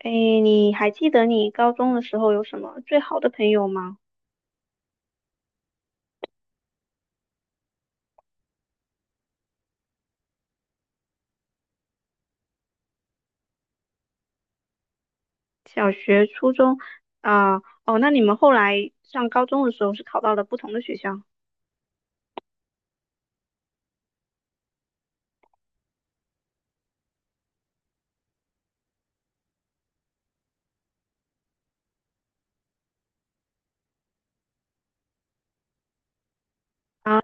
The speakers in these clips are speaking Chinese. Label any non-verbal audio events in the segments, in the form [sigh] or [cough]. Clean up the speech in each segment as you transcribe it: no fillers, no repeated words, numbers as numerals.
诶，你还记得你高中的时候有什么最好的朋友吗？小学、初中啊，哦，那你们后来上高中的时候是考到了不同的学校啊？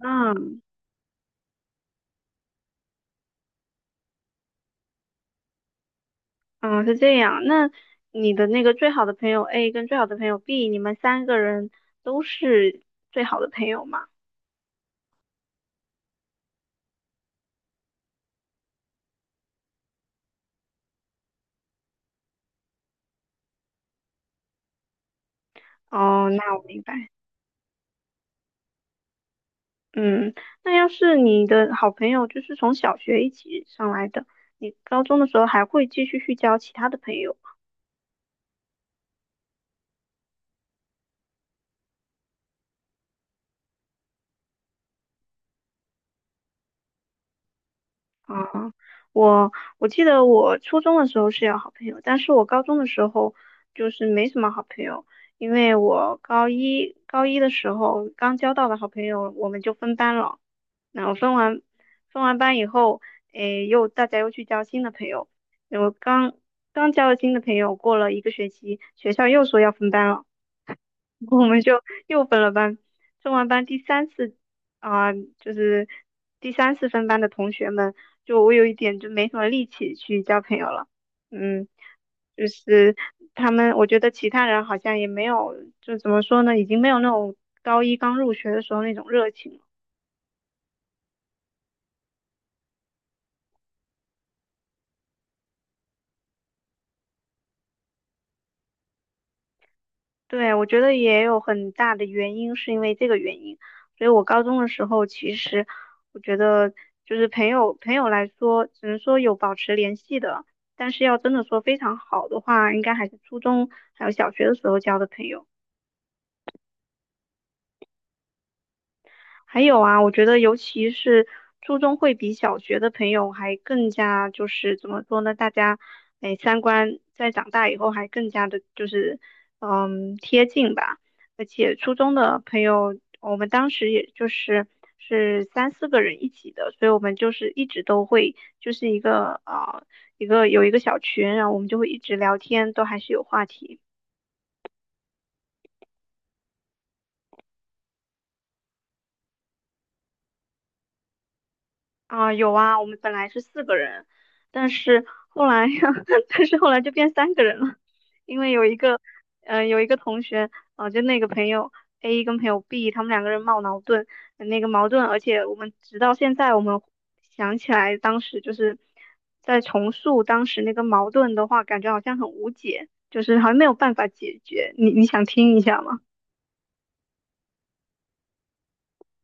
啊，是这样。那你的那个最好的朋友 A 跟最好的朋友 B，你们三个人都是最好的朋友吗？哦，那我明白。嗯，那要是你的好朋友就是从小学一起上来的，你高中的时候还会继续去交其他的朋友吗？啊，我我记得我初中的时候是有好朋友，但是我高中的时候就是没什么好朋友，因为我高一的时候刚交到的好朋友，我们就分班了。那我分完班以后，诶，又大家又去交新的朋友。我刚交了新的朋友，过了一个学期，学校又说要分班了。[laughs] 我们就又分了班。分完班第三次，啊、就是第三次分班的同学们，就我有一点就没什么力气去交朋友了。嗯，就是他们，我觉得其他人好像也没有，就怎么说呢，已经没有那种高一刚入学的时候那种热情了。对，我觉得也有很大的原因是因为这个原因，所以我高中的时候其实我觉得就是朋友来说，只能说有保持联系的，但是要真的说非常好的话，应该还是初中还有小学的时候交的朋友。还有啊，我觉得尤其是初中会比小学的朋友还更加就是怎么说呢？大家哎三观在长大以后还更加的就是贴近吧。而且初中的朋友，我们当时也就是三四个人一起的，所以我们就是一直都会就是一个啊一个有一个小群，然后我们就会一直聊天，都还是有话题。啊，有啊，我们本来是四个人，但是后来，[laughs] 但是后来就变三个人了，因为有一个同学，啊，就那个朋友 A 跟朋友 B，他们两个人闹矛盾，那个矛盾，而且我们直到现在，我们想起来当时就是在重塑当时那个矛盾的话，感觉好像很无解，就是好像没有办法解决。你想听一下吗？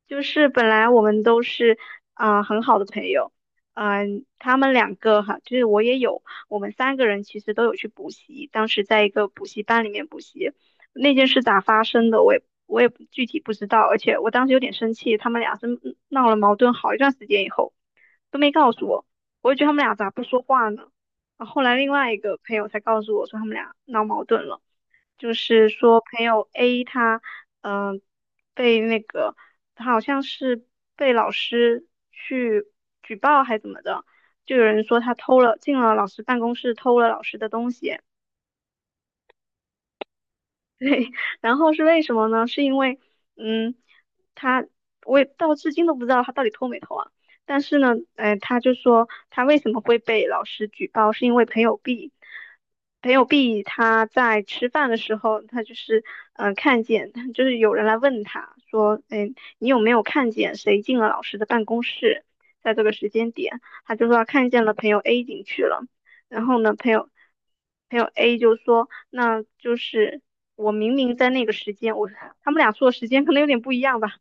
就是本来我们都是很好的朋友，他们两个哈，就是我也有，我们三个人其实都有去补习，当时在一个补习班里面补习，那件事咋发生的我也具体不知道，而且我当时有点生气，他们俩是闹了矛盾好一段时间以后。都没告诉我，我就觉得他们俩咋不说话呢？啊，后来另外一个朋友才告诉我说他们俩闹矛盾了，就是说朋友 A 他嗯、呃被那个他好像是被老师去举报还怎么的，就有人说他进了老师办公室偷了老师的东西，对，然后是为什么呢？是因为，嗯，他我也到至今都不知道他到底偷没偷啊。但是呢，他就说他为什么会被老师举报，是因为朋友 B，朋友 B 他在吃饭的时候，他就是看见，就是有人来问他说，哎，你有没有看见谁进了老师的办公室？在这个时间点，他就说他看见了朋友 A 进去了。然后呢，朋友 A 就说。那就是我明明在那个时间，他们俩说的时间可能有点不一样吧。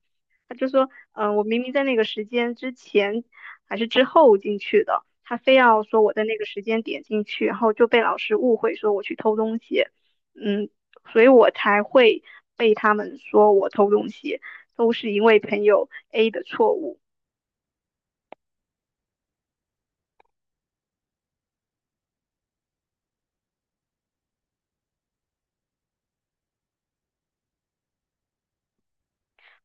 他就说，我明明在那个时间之前还是之后进去的，他非要说我在那个时间点进去，然后就被老师误会说我去偷东西，嗯，所以我才会被他们说我偷东西，都是因为朋友 A 的错误。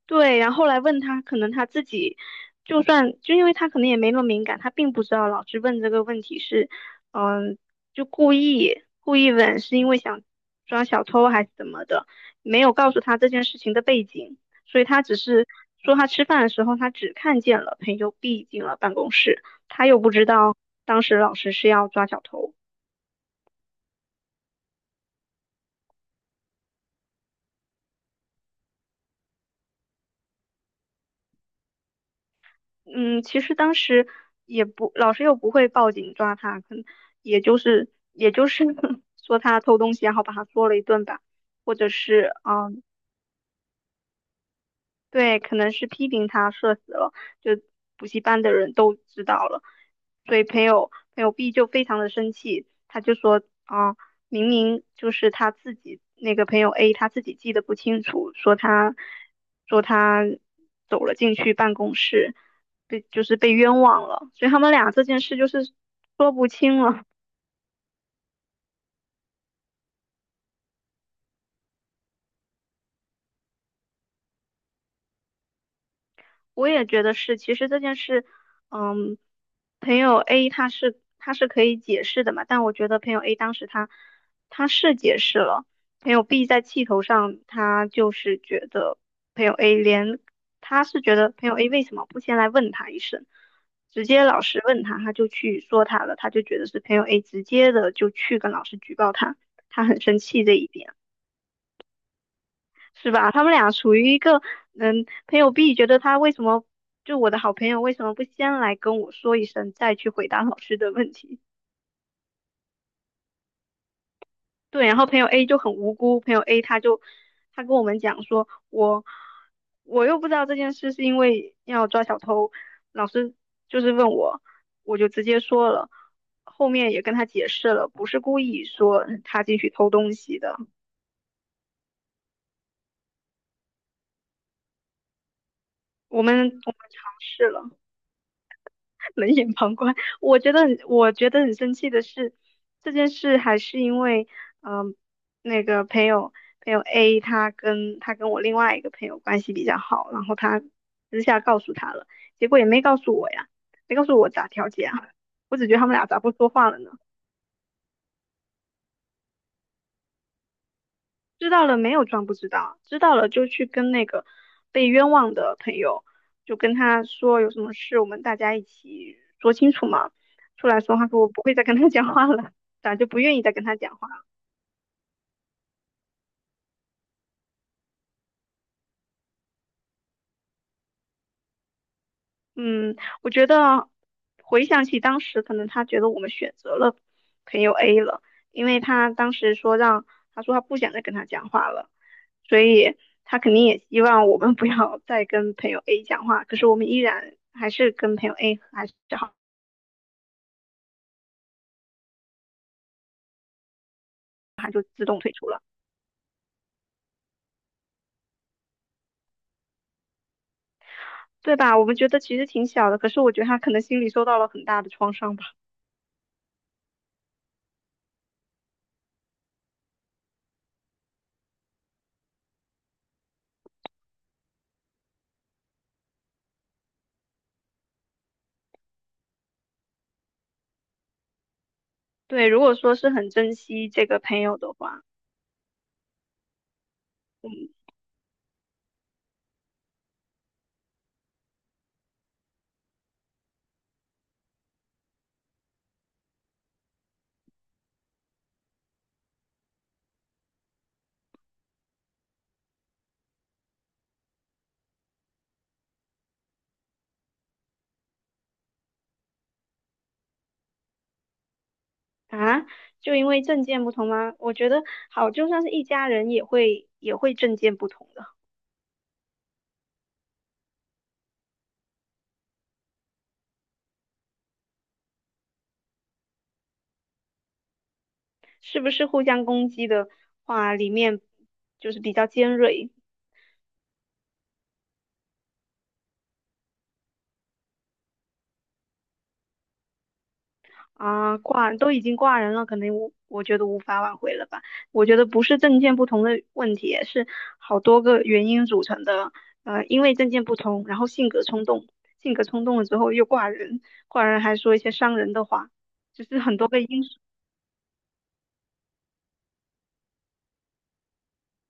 对，然后后来问他，可能他自己就算就因为他可能也没那么敏感，他并不知道老师问这个问题是，嗯，就故意问，是因为想抓小偷还是怎么的，没有告诉他这件事情的背景，所以他只是说他吃饭的时候他只看见了朋友 B 进了办公室，他又不知道当时老师是要抓小偷。嗯，其实当时也不，老师又不会报警抓他，可能也就是 [laughs] 说他偷东西，然后把他说了一顿吧，或者是对，可能是批评他社死了，就补习班的人都知道了，所以朋友 B 就非常的生气，他就说啊，明明就是他自己那个朋友 A 他自己记得不清楚，说他走了进去办公室，就是被冤枉了，所以他们俩这件事就是说不清了。我也觉得是，其实这件事，嗯，朋友 A 他是可以解释的嘛，但我觉得朋友 A 当时他是解释了，朋友 B 在气头上，他就是觉得朋友 A 连他是觉得朋友 A 为什么不先来问他一声，直接老师问他，他就去说他了，他就觉得是朋友 A 直接的就去跟老师举报他，他很生气这一点。是吧？他们俩处于一个，朋友 B 觉得他为什么，就我的好朋友为什么不先来跟我说一声，再去回答老师的问题？对，然后朋友 A 就很无辜，朋友 A 他跟我们讲说，我又不知道这件事是因为要抓小偷，老师就是问我，我就直接说了，后面也跟他解释了，不是故意说他进去偷东西的，我们尝试了。[laughs] 冷眼旁观。我觉得很生气的是，这件事还是因为，嗯、那个朋友 A 他跟我另外一个朋友关系比较好，然后他私下告诉他了，结果也没告诉我呀，没告诉我咋调解啊，我只觉得他们俩咋不说话了呢？知道了没有装不知道，知道了就去跟那个被冤枉的朋友，就跟他说有什么事，我们大家一起说清楚嘛。出来说，他说我不会再跟他 [laughs] 讲话了，咋就不愿意再跟他讲话了嗯，我觉得回想起当时，可能他觉得我们选择了朋友 A 了，因为他当时说让他说他不想再跟他讲话了，所以他肯定也希望我们 [laughs] 不要再跟朋友 A 讲话。可是我们依然还是跟朋友 A 还是好。自动退出了，对吧？我们觉得其实挺小的，可是我觉得他可能心里受到了很大的创伤吧。对，如果说是很珍惜这个朋友的话，嗯啊，就因为政见不同吗？我觉得好，就算是一家人也会政见不同的，是不是互相攻击的话，里面就是比较尖锐，啊，挂都已经挂人了，可能我觉得无法挽回了吧。我觉得不是证件不同的问题，是好多个原因组成的。因为证件不同，然后性格冲动，性格冲动了之后又挂人，挂人还说一些伤人的话，就是很多个因素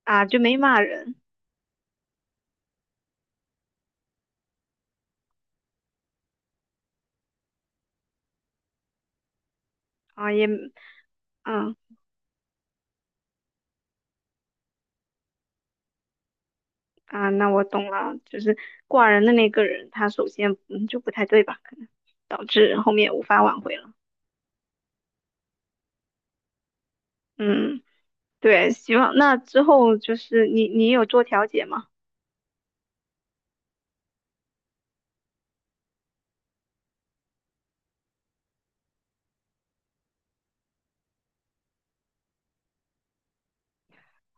啊，就没骂人啊，也嗯啊，那我懂了，就是挂人的那个人，他首先就不太对吧，可能导致后面无法挽回了，嗯。对，希望那之后就是你有做调解吗？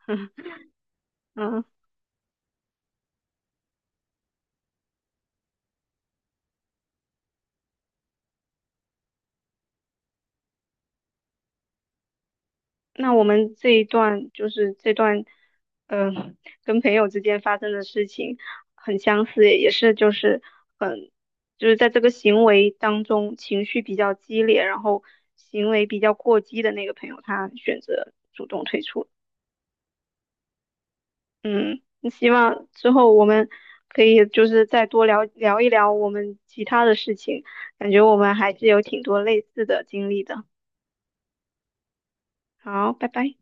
[laughs] 嗯，那我们这一段就是这段，嗯、跟朋友之间发生的事情很相似，也是就是很就是在这个行为当中情绪比较激烈，然后行为比较过激的那个朋友，他选择主动退出了嗯，希望之后我们可以就是再多聊聊一聊我们其他的事情，感觉我们还是有挺多类似的经历的。好，拜拜。